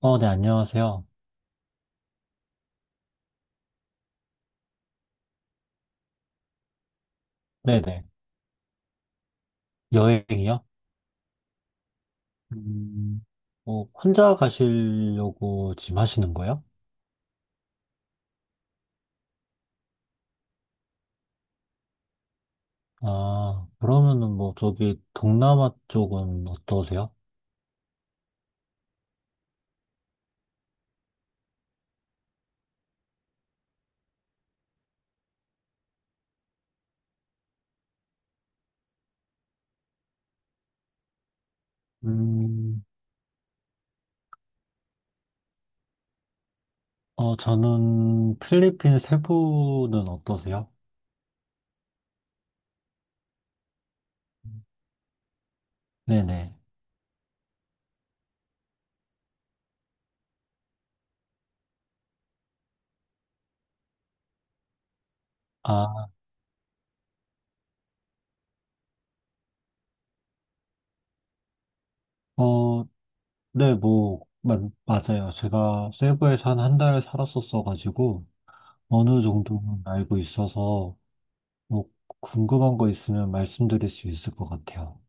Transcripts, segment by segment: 어, 네, 안녕하세요. 네네. 여행이요? 음, 어, 혼자 가시려고 지금 하시는 거예요? 아, 그러면은 뭐, 저기, 동남아 쪽은 어떠세요? 음, 어, 저는 필리핀 세부는 어떠세요? 네네. 아, 어, 네, 뭐, 마, 맞아요. 제가 세부에서 한 한 달 살았었어가지고, 어느 정도는 알고 있어서, 뭐, 궁금한 거 있으면 말씀드릴 수 있을 것 같아요.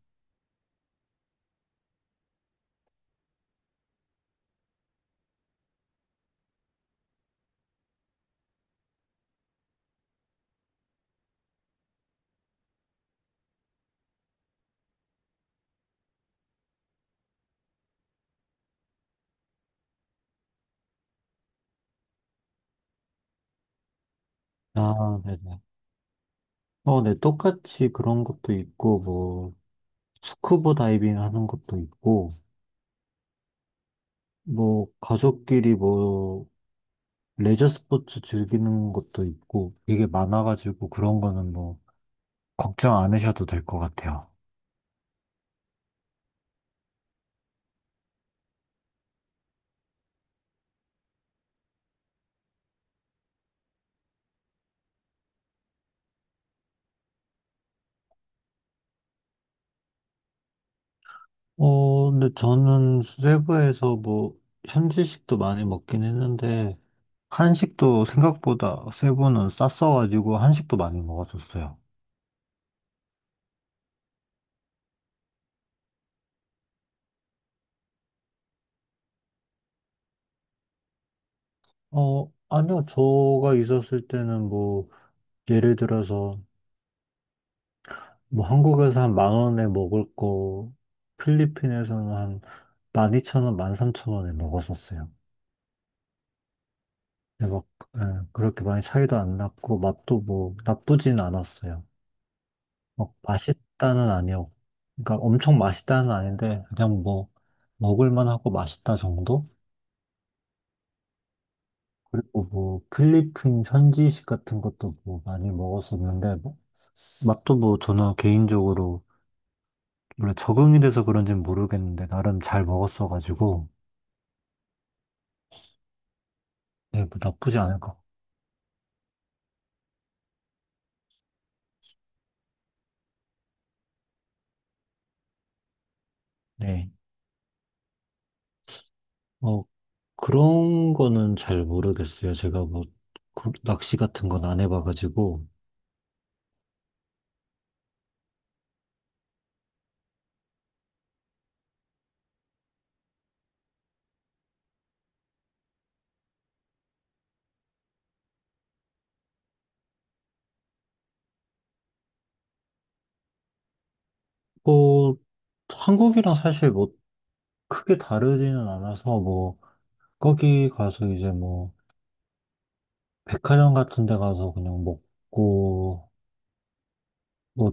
아, 네네. 어, 네, 똑같이 그런 것도 있고, 뭐, 스쿠버 다이빙 하는 것도 있고, 뭐, 가족끼리 뭐, 레저 스포츠 즐기는 것도 있고, 되게 많아가지고 그런 거는 뭐, 걱정 안 하셔도 될 것 같아요. 어, 근데 저는 세부에서 뭐, 현지식도 많이 먹긴 했는데, 한식도 생각보다 세부는 쌌어가지고, 한식도 많이 먹었었어요. 어, 아니요, 저가 있었을 때는 뭐, 예를 들어서, 뭐 한국에서 한 만 원에 먹을 거 필리핀에서는 한 12,000원, 만 삼천 원에 먹었었어요. 근데 막 예, 그렇게 많이 차이도 안 났고 맛도 뭐 나쁘진 않았어요. 막 맛있다는 아니었고, 그러니까 엄청 맛있다는 아닌데 그냥 뭐 먹을만 하고 맛있다 정도? 그리고 뭐 필리핀 현지식 같은 것도 뭐 많이 먹었었는데 뭐 맛도 뭐 저는 개인적으로 원래 적응이 돼서 그런지는 모르겠는데 나름 잘 먹었어가지고. 네, 뭐 나쁘지 않을 것 같고. 네. 어, 그런 거는 잘 모르겠어요. 제가 뭐, 그 낚시 같은 건 안 해봐가지고. 뭐, 한국이랑 사실 뭐, 크게 다르지는 않아서 뭐, 거기 가서 이제 뭐, 백화점 같은 데 가서 그냥 먹고, 뭐,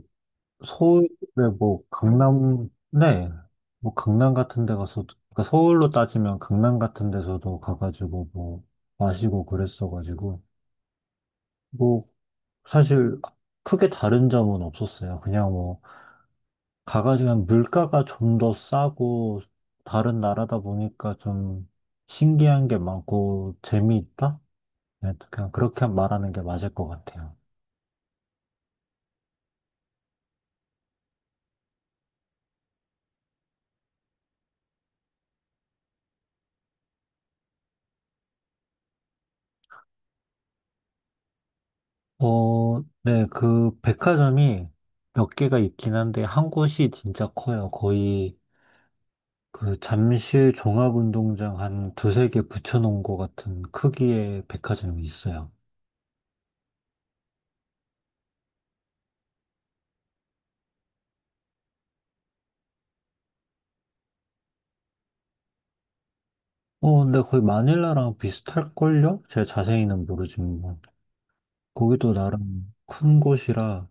서울에 뭐, 강남, 네. 뭐, 강남 같은 데 가서, 그러니까 서울로 따지면 강남 같은 데서도 가가지고 뭐, 마시고 그랬어가지고. 뭐 사실 크게 다른 점은 없었어요. 그냥 뭐 가가지고 그냥 물가가 좀 더 싸고 다른 나라다 보니까 좀 신기한 게 많고 재미있다? 네, 그냥 그렇게 말하는 게 맞을 것 같아요. 어, 네, 그 백화점이 몇 개가 있긴 한데 한 곳이 진짜 커요. 거의 그 잠실 종합운동장 한 두세 개 붙여놓은 것 같은 크기의 백화점이 있어요. 어, 근데 거의 마닐라랑 비슷할걸요? 제가 자세히는 모르지만. 거기도 나름 큰 곳이라,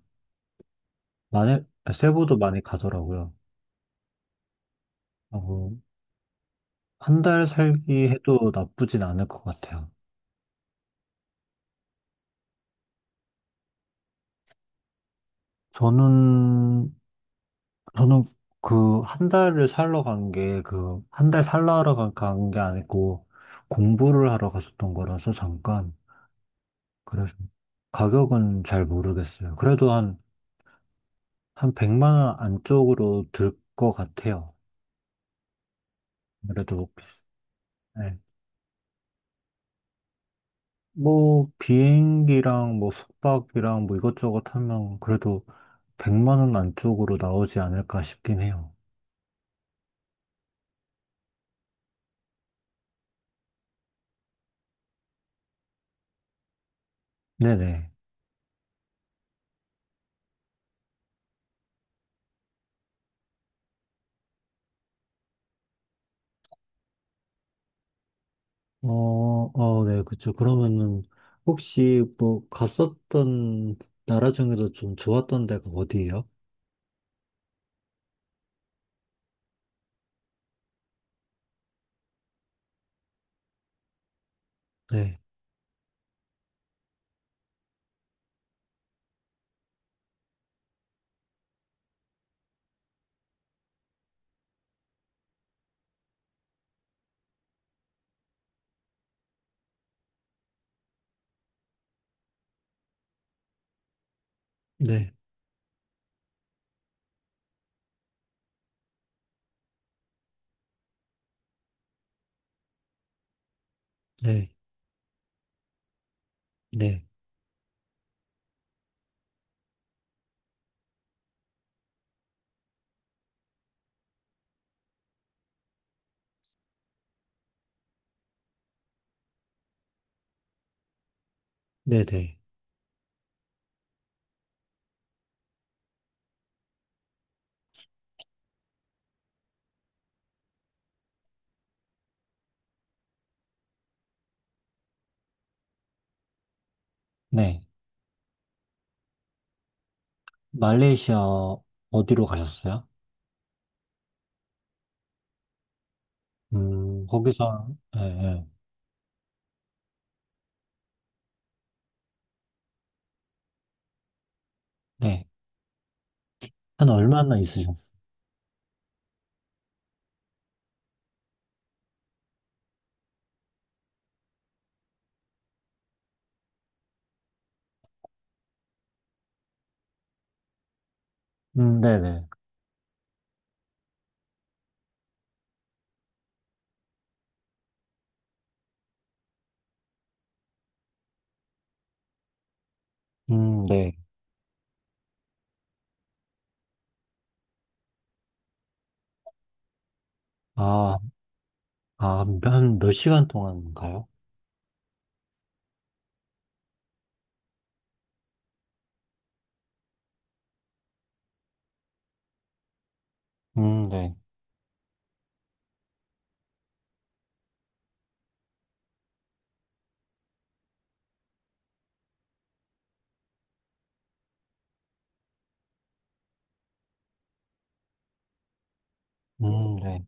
마닐, 세부도 많이 가더라고요. 하고, 한 달 살기 해도 나쁘진 않을 것 같아요. 저는, 저는 그 한 달을 살러 간 게, 그, 한 달 살러 하러 간게 아니고, 공부를 하러 갔었던 거라서 잠깐. 그래서 가격은 잘 모르겠어요. 그래도 한 100만 원 안쪽으로 들 것 같아요. 그래도 네. 뭐, 비행기랑 뭐 숙박이랑 뭐 이것저것 하면 그래도 100만 원 안쪽으로 나오지 않을까 싶긴 해요. 네네. 어, 어, 네, 그쵸. 그러면은 혹시 뭐 갔었던 나라 중에서 좀 좋았던 데가 어디예요? 네, 네, 네, 네, 네, 네. 네. 말레이시아 어디로 가셨어요? 거기서, 예, 예, 네. 한 얼마나 있으셨어요? 네네. 네. 아, 아, 한 몇 시간 동안인가요? 네. 네.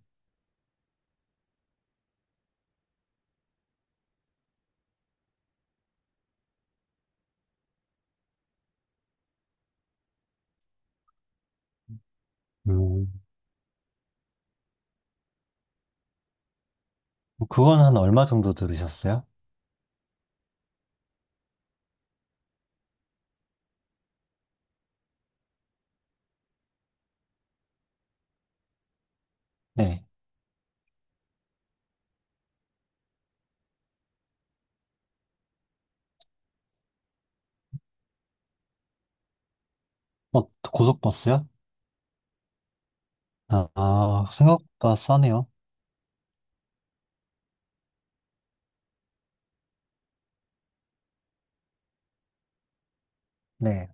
음, 그건 한 얼마 정도 들으셨어요? 네. 어, 고속버스요? 아, 아, 생각보다 싸네요. 네.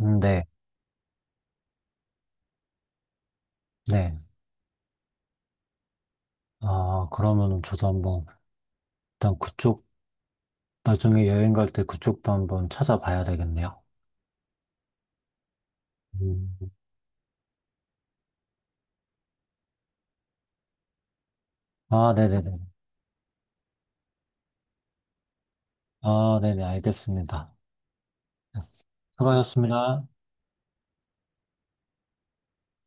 네. 네. 아, 그러면은 저도 한번, 일단 그쪽, 나중에 여행 갈 때 그쪽도 한번 찾아봐야 되겠네요. 음. 아, 네네네. 아, 네네, 알겠습니다. 네. 수고하셨습니다.